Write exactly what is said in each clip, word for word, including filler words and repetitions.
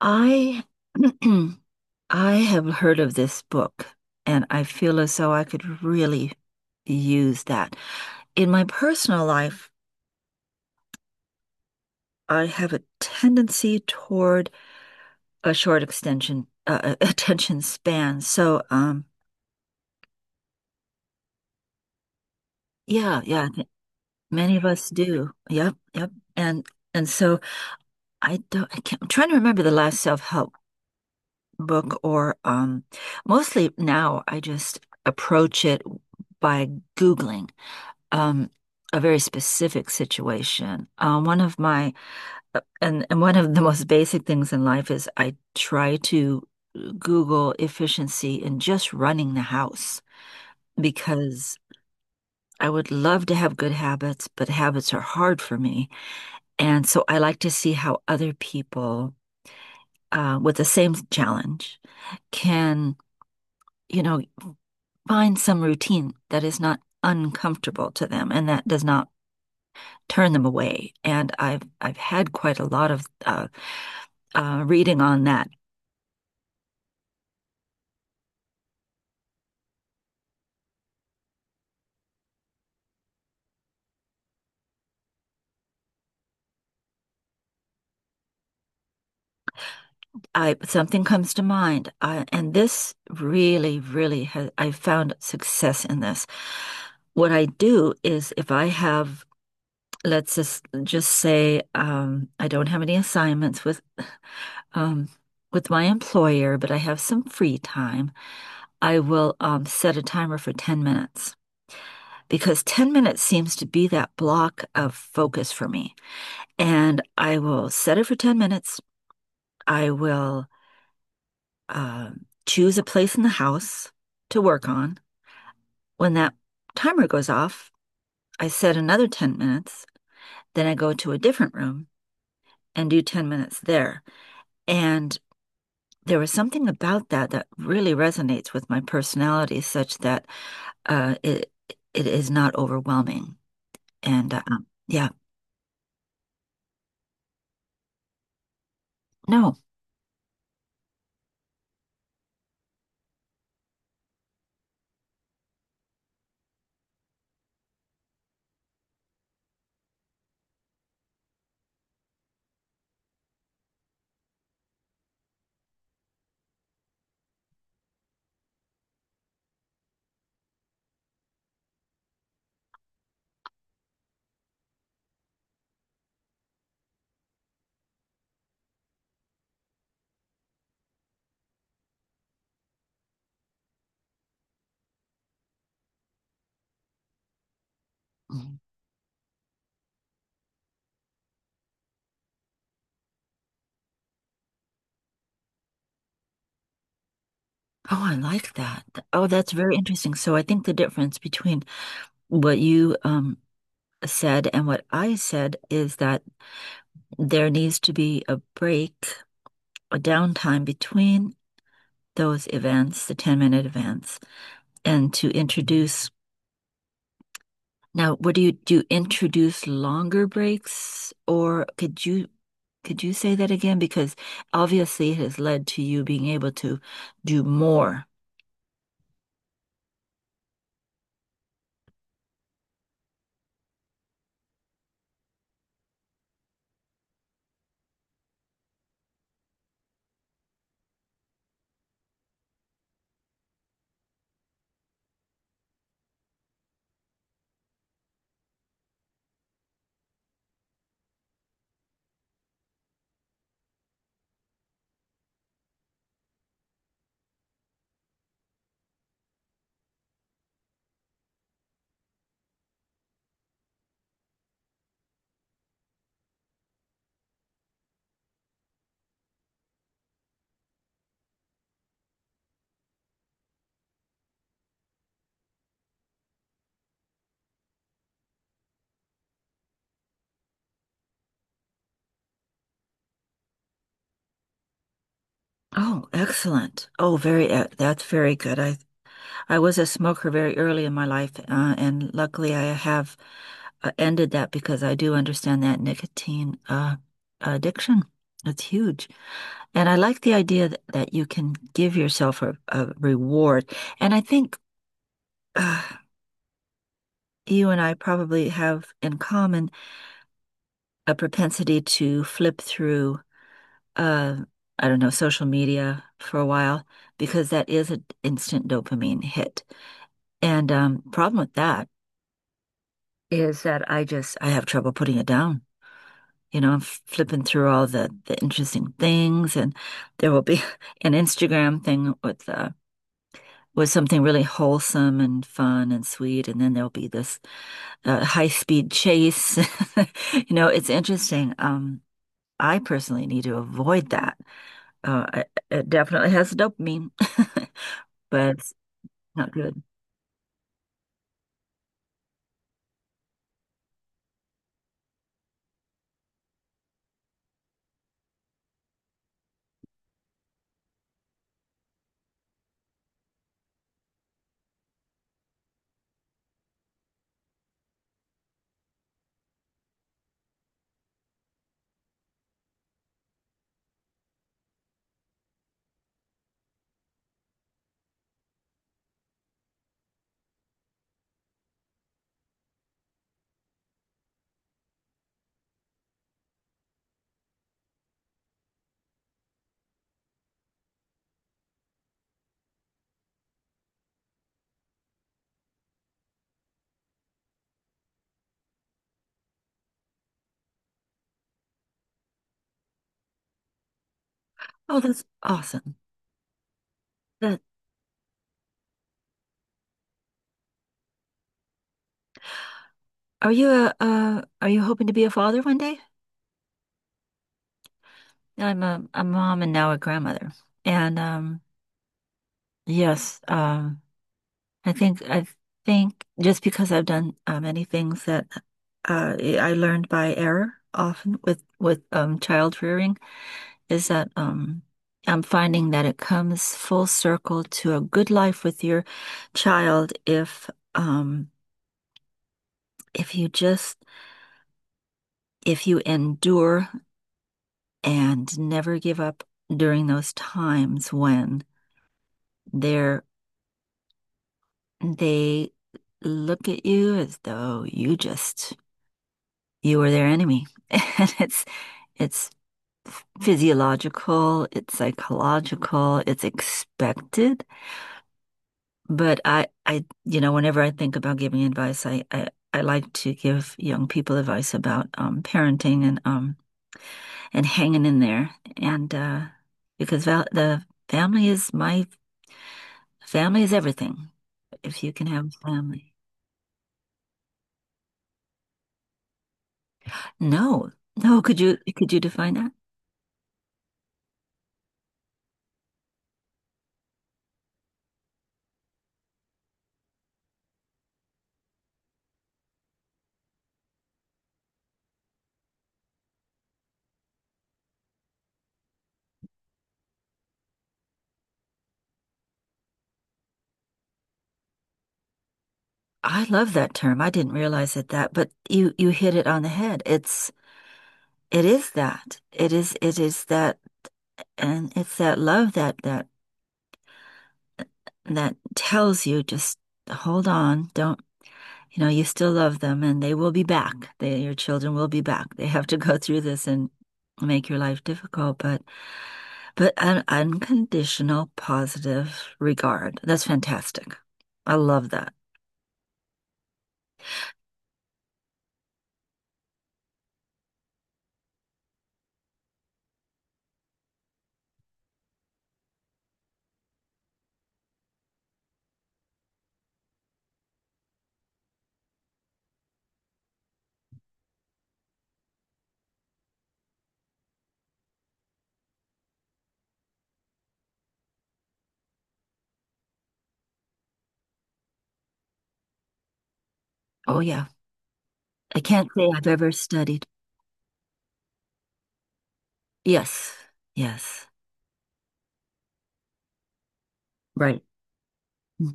I I have heard of this book, and I feel as though I could really use that. In my personal life, I have a tendency toward a short extension uh, uh, attention span. So, um yeah, yeah, many of us do. Yep, yep. And and so I don't I can't, I'm trying to remember the last self-help book or um mostly now I just approach it by Googling. um, a very specific situation. Um, one of my and and One of the most basic things in life is I try to Google efficiency in just running the house, because I would love to have good habits, but habits are hard for me. And so I like to see how other people uh, with the same challenge can, you know, find some routine that is not uncomfortable to them and that does not turn them away. And I've I've had quite a lot of uh, uh, reading on that. I Something comes to mind, uh, and this really, really has I've found success in this. What I do is if I have, let's just just say um, I don't have any assignments with um, with my employer, but I have some free time. I will um, set a timer for ten minutes, because ten minutes seems to be that block of focus for me. And I will set it for ten minutes. I will uh, choose a place in the house to work on. When that timer goes off, I set another ten minutes. Then I go to a different room and do ten minutes there. And there was something about that that really resonates with my personality, such that uh, it it is not overwhelming. And uh, um, yeah, no. Mm. Oh, I like that. Oh, that's very interesting. So I think the difference between what you um, said and what I said is that there needs to be a break, a downtime between those events, the ten minute events, and to introduce. Now, what do you do? You introduce longer breaks, or could you could you say that again? Because obviously it has led to you being able to do more. Oh, excellent. Oh, very, e- that's very good. I I was a smoker very early in my life, uh, and luckily I have uh, ended that because I do understand that nicotine uh, addiction. It's huge. And I like the idea that, that you can give yourself a, a reward. And I think uh, you and I probably have in common a propensity to flip through, uh, I don't know, social media for a while, because that is an instant dopamine hit. And um, problem with that is that I just I have trouble putting it down. You know, I'm flipping through all the the interesting things, and there will be an Instagram thing with uh, with something really wholesome and fun and sweet, and then there'll be this uh, high speed chase. You know, it's interesting. Um, I personally need to avoid that. Uh, it, it definitely has dopamine, but it's not good. Oh, that's awesome. That Are you a uh, are you hoping to be a father one day? I'm a, a mom and now a grandmother. And um, yes, um, I think I think just because I've done uh, many things that uh, I learned by error often with with um, child rearing is that um, I'm finding that it comes full circle to a good life with your child if um, if you just if you endure and never give up during those times when they're they look at you as though you just you are their enemy. And it's it's physiological, it's psychological, it's expected. But I I you know, whenever I think about giving advice, I I, I like to give young people advice about um parenting and um and hanging in there and uh because val the family is my family is everything if you can have family. No. No, could you could you define that? I love that term. I didn't realize it that, but you you hit it on the head. It's it is that. It is it is that and it's that love that that that tells you just hold on, don't, you know, you still love them, and they will be back. They Your children will be back. They have to go through this and make your life difficult, but But an unconditional positive regard. That's fantastic. I love that. Oh, yeah. I can't say I've ever studied. Yes. Yes. Right. Mm.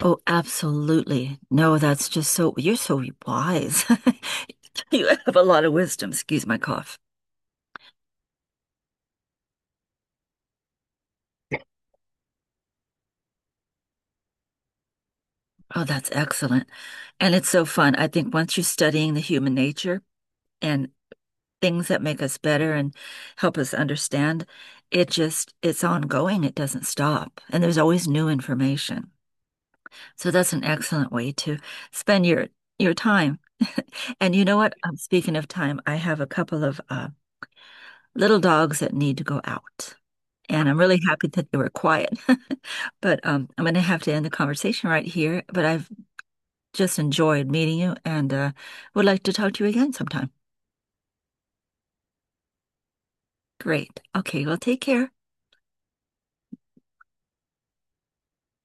Oh, absolutely. No, that's just so, you're so wise. You have a lot of wisdom. Excuse my cough. Oh, that's excellent. And it's so fun. I think once you're studying the human nature and things that make us better and help us understand. It just, it's ongoing. It doesn't stop. And there's always new information. So that's an excellent way to spend your your time. And you know what? Um, speaking of time, I have a couple of uh, little dogs that need to go out. And I'm really happy that they were quiet. But um, I'm going to have to end the conversation right here. But I've just enjoyed meeting you, and uh, would like to talk to you again sometime. Great. Okay, well, take care.